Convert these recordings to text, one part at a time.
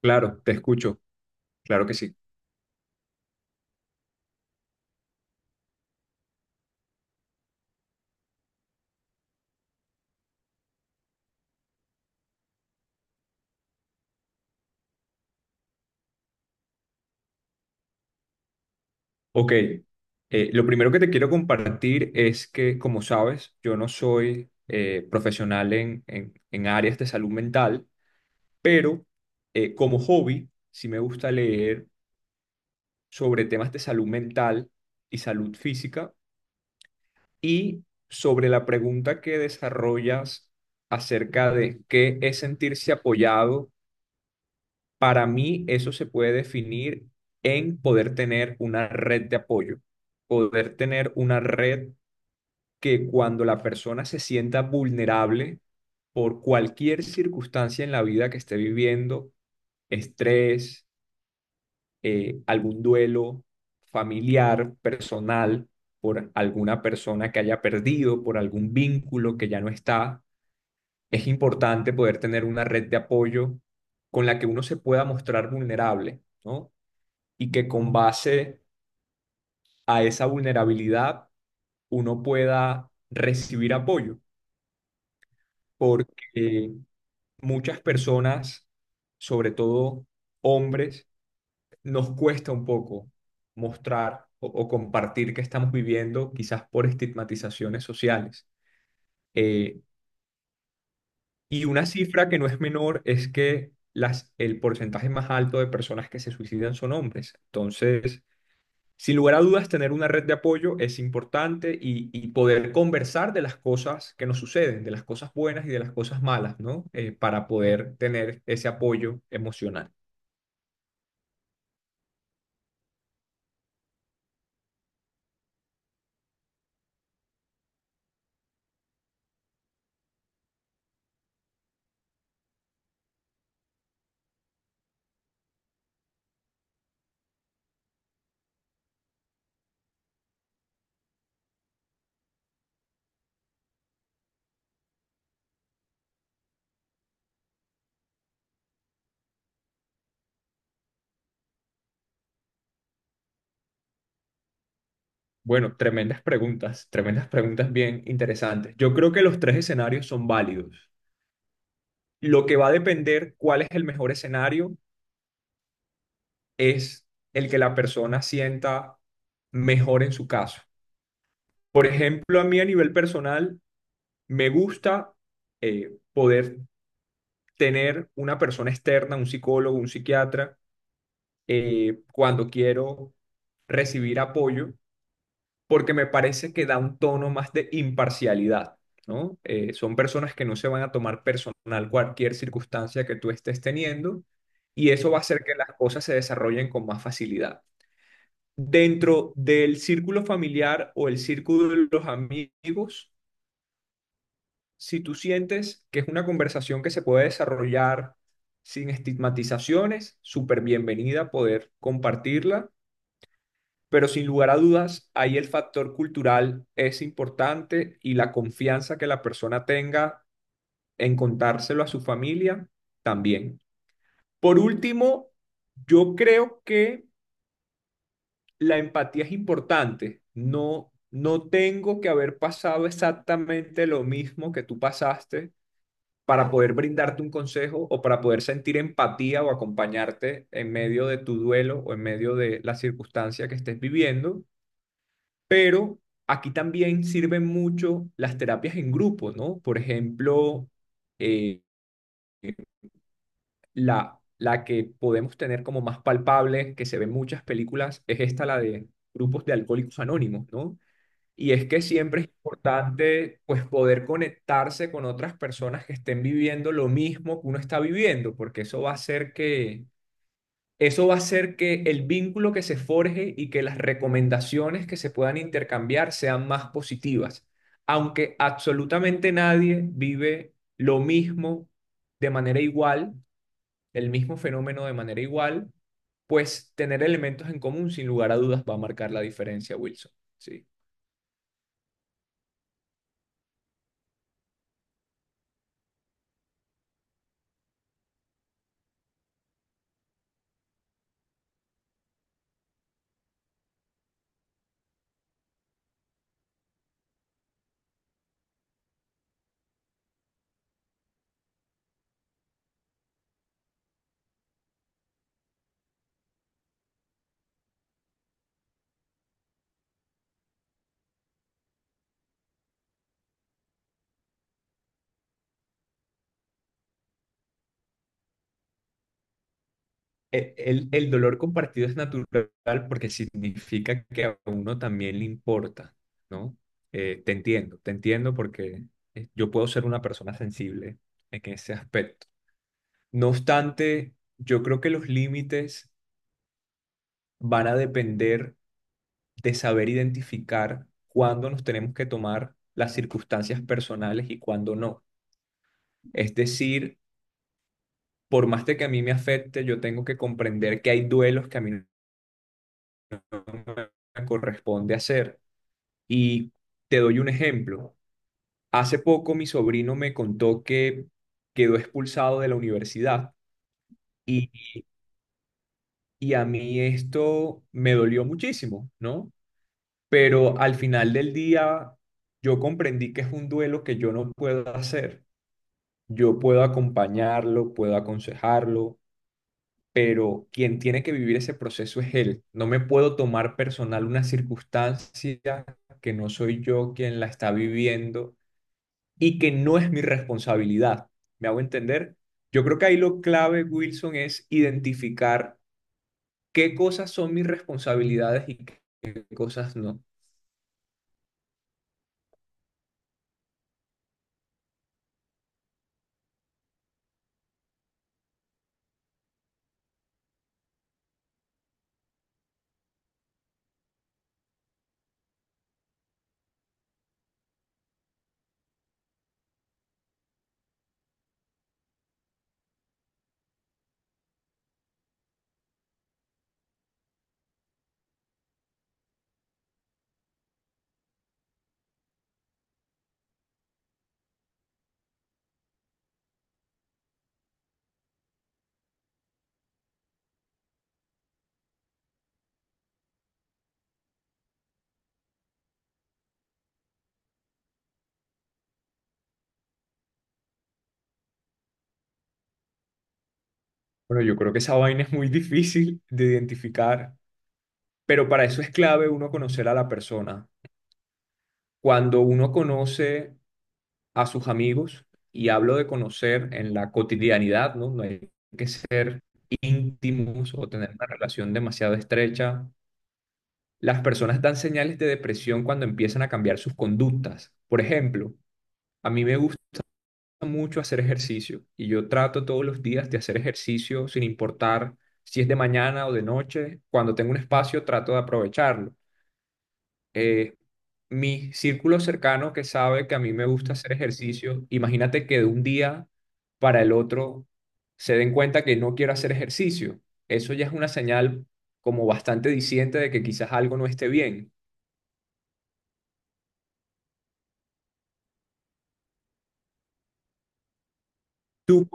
Claro, te escucho, claro que sí. Ok, lo primero que te quiero compartir es que, como sabes, yo no soy profesional en, en áreas de salud mental, pero como hobby sí me gusta leer sobre temas de salud mental y salud física y sobre la pregunta que desarrollas acerca de qué es sentirse apoyado. Para mí eso se puede definir en poder tener una red de apoyo, poder tener una red que cuando la persona se sienta vulnerable por cualquier circunstancia en la vida que esté viviendo, estrés, algún duelo familiar, personal, por alguna persona que haya perdido, por algún vínculo que ya no está, es importante poder tener una red de apoyo con la que uno se pueda mostrar vulnerable, ¿no? Y que con base a esa vulnerabilidad uno pueda recibir apoyo, porque muchas personas, sobre todo hombres, nos cuesta un poco mostrar o compartir que estamos viviendo, quizás por estigmatizaciones sociales. Eh, y una cifra que no es menor es que las, el porcentaje más alto de personas que se suicidan son hombres. Entonces, sin lugar a dudas, tener una red de apoyo es importante y poder conversar de las cosas que nos suceden, de las cosas buenas y de las cosas malas, ¿no? Para poder tener ese apoyo emocional. Bueno, tremendas preguntas bien interesantes. Yo creo que los tres escenarios son válidos. Lo que va a depender cuál es el mejor escenario es el que la persona sienta mejor en su caso. Por ejemplo, a mí a nivel personal me gusta poder tener una persona externa, un psicólogo, un psiquiatra, cuando quiero recibir apoyo, porque me parece que da un tono más de imparcialidad, ¿no? Son personas que no se van a tomar personal cualquier circunstancia que tú estés teniendo y eso va a hacer que las cosas se desarrollen con más facilidad. Dentro del círculo familiar o el círculo de los amigos, si tú sientes que es una conversación que se puede desarrollar sin estigmatizaciones, súper bienvenida poder compartirla, pero sin lugar a dudas, ahí el factor cultural es importante y la confianza que la persona tenga en contárselo a su familia también. Por último, yo creo que la empatía es importante. No, no tengo que haber pasado exactamente lo mismo que tú pasaste para poder brindarte un consejo o para poder sentir empatía o acompañarte en medio de tu duelo o en medio de la circunstancia que estés viviendo. Pero aquí también sirven mucho las terapias en grupo, ¿no? Por ejemplo, eh, la que podemos tener como más palpable, que se ve en muchas películas, es esta, la de grupos de alcohólicos anónimos, ¿no? Y es que siempre es importante pues poder conectarse con otras personas que estén viviendo lo mismo que uno está viviendo, porque eso va a hacer que el vínculo que se forje y que las recomendaciones que se puedan intercambiar sean más positivas, aunque absolutamente nadie vive lo mismo de manera igual, el mismo fenómeno de manera igual, pues tener elementos en común sin lugar a dudas va a marcar la diferencia, Wilson. Sí. El dolor compartido es natural porque significa que a uno también le importa, ¿no? Te entiendo, te entiendo porque yo puedo ser una persona sensible en ese aspecto. No obstante, yo creo que los límites van a depender de saber identificar cuándo nos tenemos que tomar las circunstancias personales y cuándo no. Es decir, por más de que a mí me afecte, yo tengo que comprender que hay duelos que a mí no me corresponde hacer. Y te doy un ejemplo. Hace poco mi sobrino me contó que quedó expulsado de la universidad y, y a mí esto me dolió muchísimo, ¿no? Pero al final del día yo comprendí que es un duelo que yo no puedo hacer. Yo puedo acompañarlo, puedo aconsejarlo, pero quien tiene que vivir ese proceso es él. No me puedo tomar personal una circunstancia que no soy yo quien la está viviendo y que no es mi responsabilidad. ¿Me hago entender? Yo creo que ahí lo clave, Wilson, es identificar qué cosas son mis responsabilidades y qué cosas no. Bueno, yo creo que esa vaina es muy difícil de identificar, pero para eso es clave uno conocer a la persona. Cuando uno conoce a sus amigos, y hablo de conocer en la cotidianidad, ¿no? No hay que ser íntimos o tener una relación demasiado estrecha. Las personas dan señales de depresión cuando empiezan a cambiar sus conductas. Por ejemplo, a mí me gusta mucho hacer ejercicio y yo trato todos los días de hacer ejercicio sin importar si es de mañana o de noche. Cuando tengo un espacio, trato de aprovecharlo. Eh, Mi círculo cercano que sabe que a mí me gusta hacer ejercicio, imagínate que de un día para el otro se den cuenta que no quiero hacer ejercicio. Eso ya es una señal como bastante diciente de que quizás algo no esté bien. ¿Tú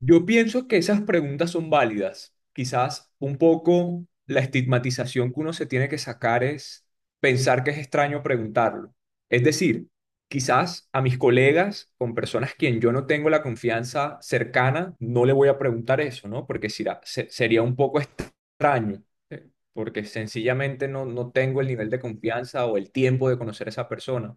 Yo pienso que esas preguntas son válidas. Quizás un poco la estigmatización que uno se tiene que sacar es pensar que es extraño preguntarlo. Es decir, quizás a mis colegas, con personas quien yo no tengo la confianza cercana, no le voy a preguntar eso, ¿no? Porque sería un poco extraño, porque sencillamente no, no tengo el nivel de confianza o el tiempo de conocer a esa persona,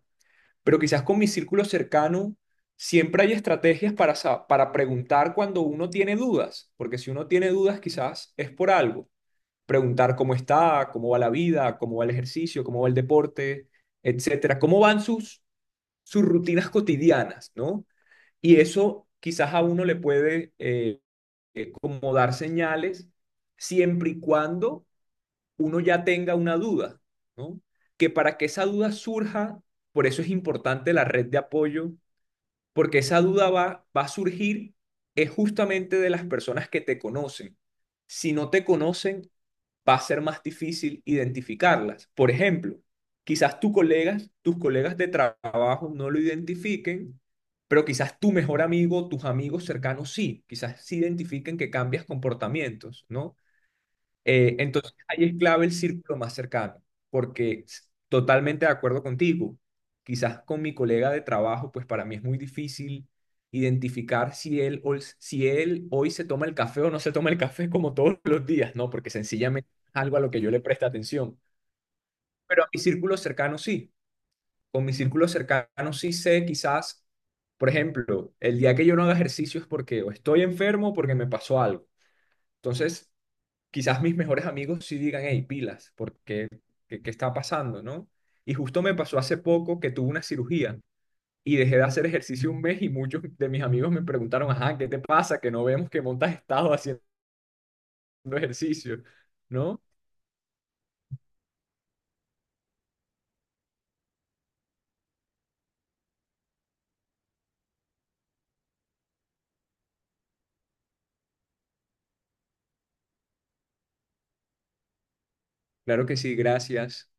pero quizás con mi círculo cercano siempre hay estrategias para, para preguntar cuando uno tiene dudas, porque si uno tiene dudas quizás es por algo. Preguntar cómo está, cómo va la vida, cómo va el ejercicio, cómo va el deporte, etcétera, cómo van sus, sus rutinas cotidianas, ¿no? Y eso quizás a uno le puede como dar señales siempre y cuando uno ya tenga una duda, ¿no? Que para que esa duda surja, por eso es importante la red de apoyo porque esa duda va a surgir es justamente de las personas que te conocen. Si no te conocen, va a ser más difícil identificarlas. Por ejemplo, quizás tus colegas de trabajo no lo identifiquen, pero quizás tu mejor amigo, tus amigos cercanos sí, quizás sí identifiquen que cambias comportamientos, ¿no? Entonces, ahí es clave el círculo más cercano, porque totalmente de acuerdo contigo, quizás con mi colega de trabajo, pues para mí es muy difícil identificar si él, si él hoy se toma el café o no se toma el café como todos los días, ¿no? Porque sencillamente es algo a lo que yo le presta atención. Pero a mi círculo cercano sí, con mi círculo cercano sí sé quizás, por ejemplo, el día que yo no haga ejercicio es porque o estoy enfermo o porque me pasó algo. Entonces quizás mis mejores amigos sí digan, hey, pilas, porque ¿qué, qué está pasando, no? Y justo me pasó hace poco que tuve una cirugía y dejé de hacer ejercicio 1 mes y muchos de mis amigos me preguntaron, ajá, ¿qué te pasa? Que no vemos que montas estado haciendo ejercicio, ¿no? Claro que sí, gracias.